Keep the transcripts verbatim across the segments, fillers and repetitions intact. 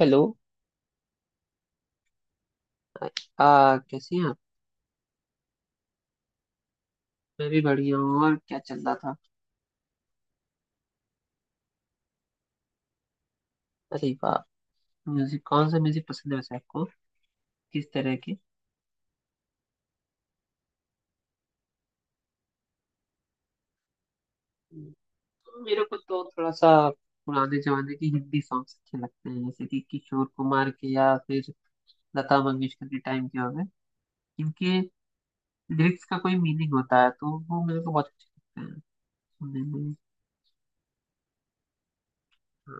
Hello. आ, कैसे हैं आप? मैं भी बढ़िया हूँ। और क्या चल रहा था? अरे वाह। म्यूजिक कौन सा म्यूजिक पसंद है वैसे आपको? किस तरह के? हम्म, मेरे को तो थोड़ा सा पुराने जमाने के हिंदी सॉन्ग्स अच्छे लगते हैं, जैसे कि किशोर कुमार के या फिर लता मंगेशकर के टाइम के हो गए। इनके लिरिक्स का कोई मीनिंग होता है तो वो मेरे को बहुत अच्छे लगते हैं सुनने में। हाँ।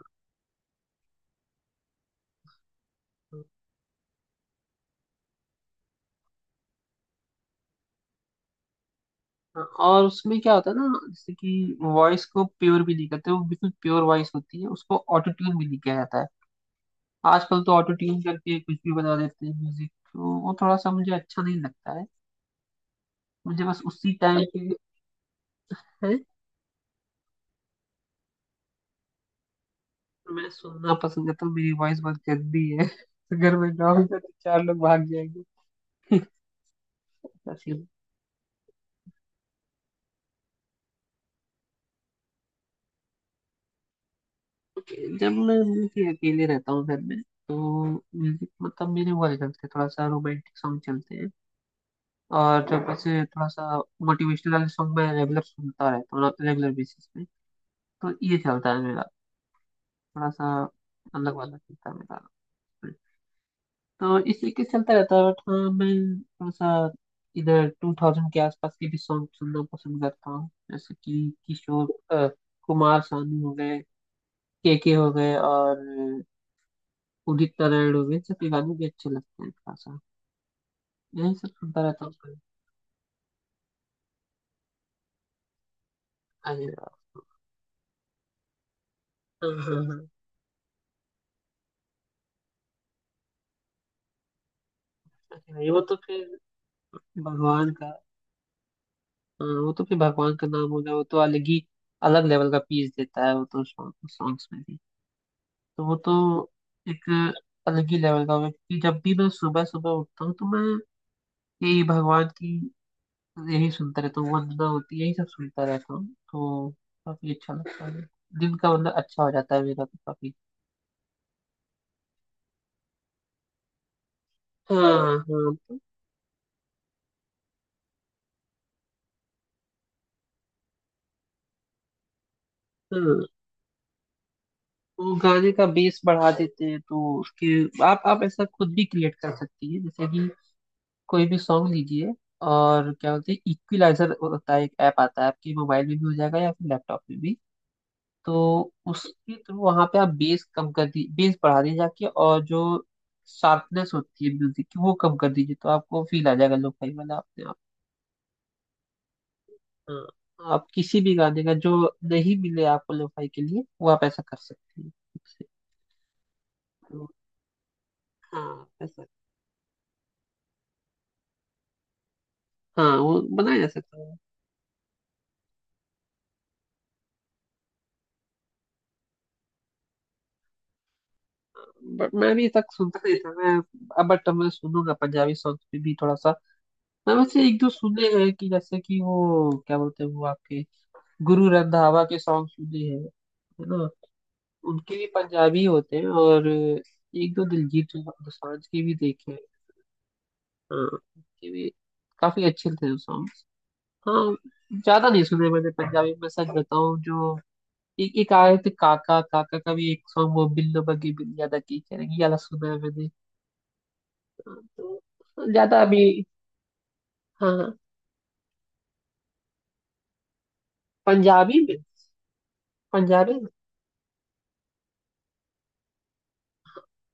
हाँ, और उसमें क्या होता है ना, जैसे कि वॉइस को प्योर भी नहीं करते, वो बिल्कुल प्योर वॉइस होती है, उसको ऑटो ट्यून भी नहीं किया जाता है। आजकल तो ऑटो ट्यून करके कुछ भी बना देते हैं म्यूजिक, तो वो थोड़ा सा मुझे अच्छा नहीं लगता है। मुझे बस उसी टाइम के लिए है। मैं सुनना पसंद करता हूँ। मेरी वॉइस बहुत गंदी है। अगर मैं गाऊंगा तो तो चार लोग भाग जाएंगे। ऐसा सीन। जब मैं कि अकेले रहता हूँ घर में, तो म्यूजिक मतलब मेरे वाले चलते हैं, थोड़ा सा रोमांटिक सॉन्ग चलते हैं। और जब ऐसे थोड़ा सा मोटिवेशनल वाले सॉन्ग, मैं रेगुलर सुनता रहता हूँ, रेगुलर बेसिस पे। तो ये चलता है मेरा, थोड़ा सा अलग वाला चलता है मेरा। हाँ, इसी के चलता रहता है। बट हाँ, मैं थोड़ा सा इधर टू थाउजेंड के आसपास के भी सॉन्ग सुनना पसंद करता हूँ, जैसे कि किशोर अ, कुमार सानू हो गए, के के हो गए, और उदित नारायण हो गए। सबके गाने भी अच्छे लगते हैं। थोड़ा सा यही सब सुनता रहता हूँ कभी। अरे वाह। हाँ हाँ हाँ। अरे भाई, वो तो फिर भगवान का। हाँ, वो तो फिर भगवान का नाम हो गया। वो तो अलग ही अलग लेवल का पीस देता है, वो तो सॉन्ग सॉन्ग्स में। तो वो तो एक अलग ही लेवल का होगा, क्योंकि जब भी मैं सुबह सुबह उठता हूँ, तो मैं यही भगवान की, यही सुनता रहता हूँ, वंदना होती है, यही सब सुनता रहता हूँ। तो काफी अच्छा लगता है, दिन का मतलब अच्छा हो जाता है मेरा तो, काफी। हाँ हाँ तो। हाँ, वो गाने का बेस बढ़ा देते हैं तो उसके आप आप ऐसा खुद भी क्रिएट कर सकती है। जैसे कि कोई भी सॉन्ग लीजिए, और क्या बोलते हैं, इक्विलाइजर होता है एक ऐप, आता है आपके मोबाइल में भी हो जाएगा या फिर लैपटॉप में भी। तो उसके थ्रू वहां पे आप बेस कम कर दी, बेस बढ़ा दी जाके, और जो शार्पनेस होती है म्यूजिक की वो कम कर दीजिए, तो आपको फील आ जाएगा लोफाई वाला अपने आप। हाँ, आप किसी भी गाने का जो नहीं मिले आपको लोफाई के लिए, वो आप ऐसा कर सकते हैं ठीक से। तो हाँ ऐसा। हाँ, वो बनाया जा सकता है। बट मैं भी तक सुनता नहीं था। मैं अब बट मैं सुनूंगा पंजाबी सॉन्ग पे भी थोड़ा सा। मैं वैसे एक दो सुने हैं, कि जैसे कि वो क्या बोलते हैं, वो आपके गुरु रंधावा के सॉन्ग सुने हैं, है ना। उनके भी पंजाबी होते हैं, और एक दो दिलजीत दोसांझ के भी देखे हैं। हाँ, उनके भी काफी अच्छे थे वो सॉन्ग। हाँ। ज्यादा नहीं सुने मैंने पंजाबी में, सच बताऊं जो। एक एक आए थे, काका काका का भी एक सॉन्ग, वो बिल्लो बग्गी बिल्लिया दा की करेंगी वाला सुना है मैंने। हाँ, तो ज्यादा अभी। हाँ हाँ। पंजाबी में? पंजाबी में?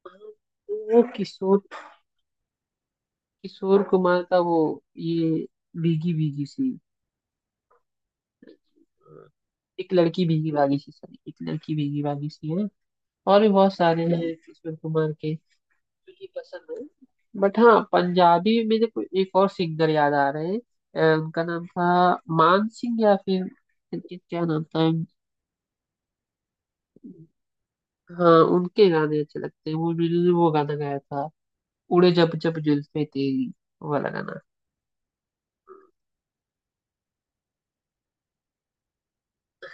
हाँ, वो किशोर किशोर कुमार का वो, ये भीगी भीगी सी, एक लड़की भीगी भागी सी, सॉरी, एक लड़की भीगी भागी सी है। और भी बहुत सारे हैं किशोर कुमार के, जो कि पसंद है। बट हाँ, पंजाबी में मेरे को एक और सिंगर याद आ रहे हैं। अ, उनका नाम था मान सिंह, या फिर इनके क्या नाम था। हाँ, उनके गाने अच्छे लगते हैं वो, उन्होंने वो गाना गाया था उड़े जब जब जुल्फे तेरी, वो वाला गाना।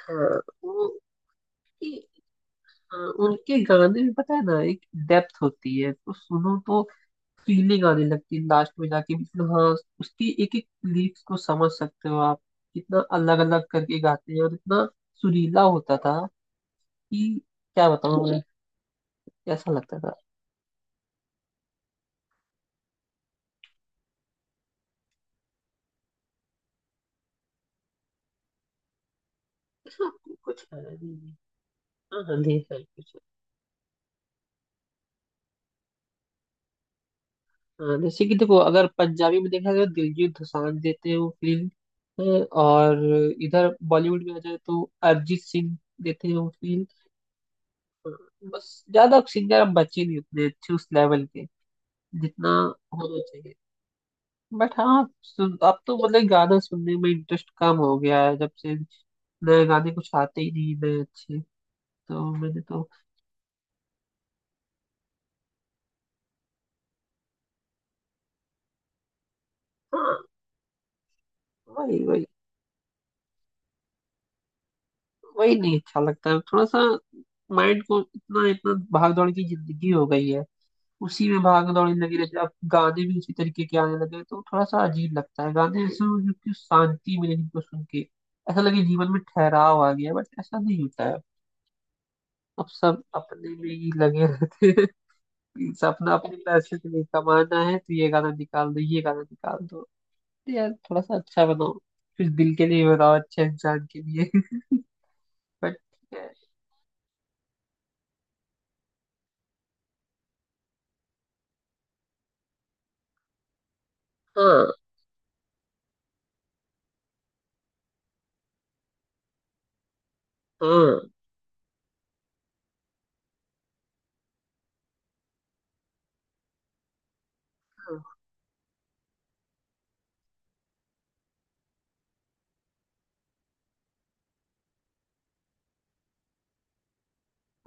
हाँ वो, उनके, हाँ, उनके गाने में पता है ना, एक डेप्थ होती है, तो सुनो तो फीलिंग आने लगती है लास्ट में जाके, मतलब हाँ, उसकी एक एक लिरिक्स को समझ सकते हो आप, कितना अलग अलग करके गाते हैं, और इतना सुरीला होता था कि क्या बताऊं मैं कैसा लगता था। ऐसा कुछ है नहीं। हाँ हाँ, ढेर सारी कुछ है। हाँ, जैसे कि देखो, अगर पंजाबी में देखा जाए तो दिलजीत दोसांझ देते हैं वो फील, और इधर बॉलीवुड में आ जाए तो अरिजीत सिंह देते हैं वो फील। बस ज्यादा सिंगर अब बचे नहीं, उतने अच्छे उस लेवल के जितना होना चाहिए। बट हाँ सुन, अब तो मतलब गाना सुनने में इंटरेस्ट कम हो गया है, जब से नए गाने कुछ आते ही नहीं, नए अच्छे। तो मैंने तो। हाँ वही वही। वही नहीं अच्छा लगता है, थोड़ा सा माइंड को इतना इतना, भाग दौड़ की जिंदगी हो गई है, उसी में भाग दौड़ लगी रहती है, अब गाने भी उसी तरीके के आने लगे हैं, तो थोड़ा सा अजीब लगता है। गाने ऐसे हों जो कि शांति मिले जिनको सुन के, ऐसा लगे जीवन में ठहराव आ गया, बट ऐसा नहीं होता है। अब सब अपने में ही लगे रहते हैं। सपना अपने पैसे से नहीं कमाना है तो ये गाना निकाल दो, ये गाना निकाल दो। यार थोड़ा सा अच्छा बनाओ, कुछ दिल के लिए बनाओ, अच्छे इंसान के लिए। बट ठीक है। हाँ हाँ।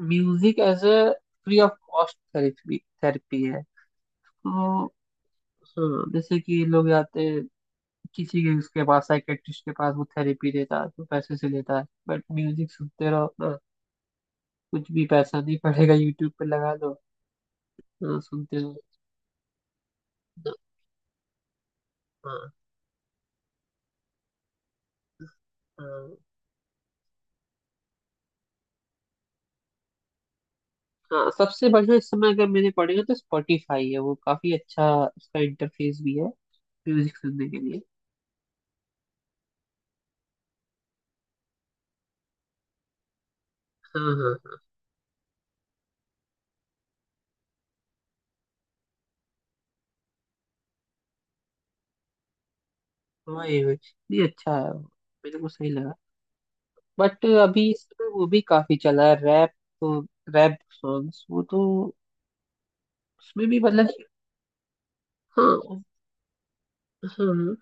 Music as a free of cost therapy, therapy है तो। हाँ, जैसे कि लोग जाते हैं किसी के, उसके पास साइकेट्रिस्ट के पास, वो थेरेपी देता है तो पैसे से लेता है, बट म्यूजिक सुनते रहो ना, कुछ भी पैसा नहीं पड़ेगा, यूट्यूब पे लगा दो। हाँ, सुनते रहो ना। हाँ हाँ हाँ। सबसे बढ़िया इस समय अगर मैंने पड़ेगा तो स्पॉटिफाई है, वो काफी अच्छा, उसका इंटरफेस भी है, म्यूजिक सुनने के लिए। हाँ हाँ हाँ। वही वही। नहीं, अच्छा है वो, मेरे को सही लगा। बट अभी इस समय वो भी काफी चला है रैप, तो रैप सॉन्ग्स, वो तो उसमें भी मतलब कि- हाँ हाँ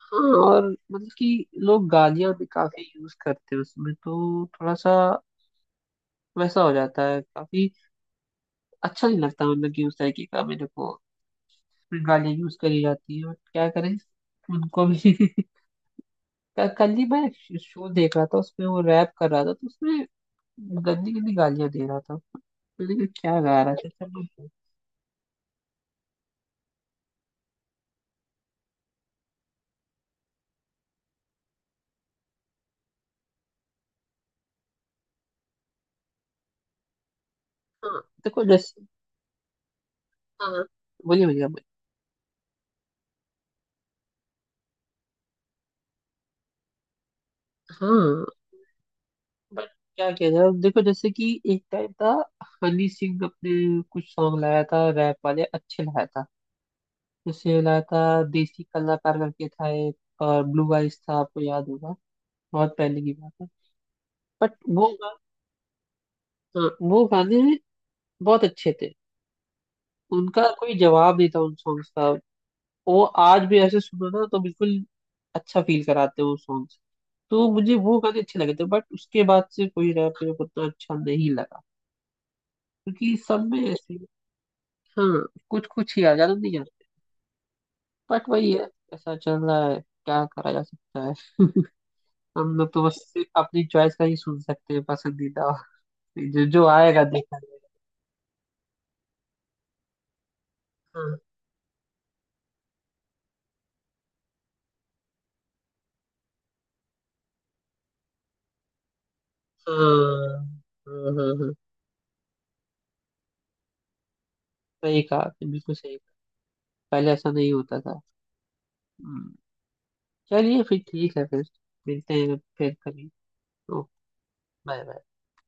हाँ। और मतलब कि लोग गालियां भी काफी यूज करते हैं उसमें, तो थोड़ा सा वैसा हो जाता है काफी। अच्छा नहीं लगता मतलब कि उस तरीके का मेरे को। गाली यूज करी जाती है, बट क्या करें उनको भी। क- कल ही मैं शो देख रहा था, उसमें वो रैप कर रहा था, तो उसमें गंदी गंदी गालियां दे रहा था, तो देखो क्या गा रहा था सब लोग- हाँ देखो जैसे। हाँ, बोलिए बोलिए, आप बोलिए। हाँ, बट क्या किया जाए, अब देखो जैसे कि एक टाइम था, हनी सिंह अपने कुछ सॉन्ग लाया था रैप वाले, अच्छे लाया था, जैसे लाया था देसी कलाकार करके था एक, और ब्लू आइज था, आपको याद होगा, बहुत पहले की बात है। बट वो, हाँ, वो गाने बहुत अच्छे थे, उनका कोई जवाब नहीं था उन सॉन्ग्स का। वो आज भी ऐसे सुनो ना तो बिल्कुल अच्छा फील कराते हैं वो सॉन्ग्स। तो मुझे वो गाने अच्छे लगे थे, बट उसके बाद से कोई रैप मेरे को उतना अच्छा नहीं लगा, क्योंकि सब में ऐसे। हाँ, कुछ कुछ ही आ, ज्यादा नहीं आते। बट वही है, ऐसा चल रहा है, क्या करा जा सकता है। हम लोग तो बस अपनी चॉइस का ही सुन सकते हैं, पसंदीदा जो जो आएगा देखा जाएगा। हाँ हाँ हाँ हाँ हाँ। हाँ। सही कहा आपने, बिल्कुल सही। पहले ऐसा नहीं होता था। हम्म। चलिए फिर, ठीक है फिर, मिलते हैं फिर कभी। Okay, bye bye.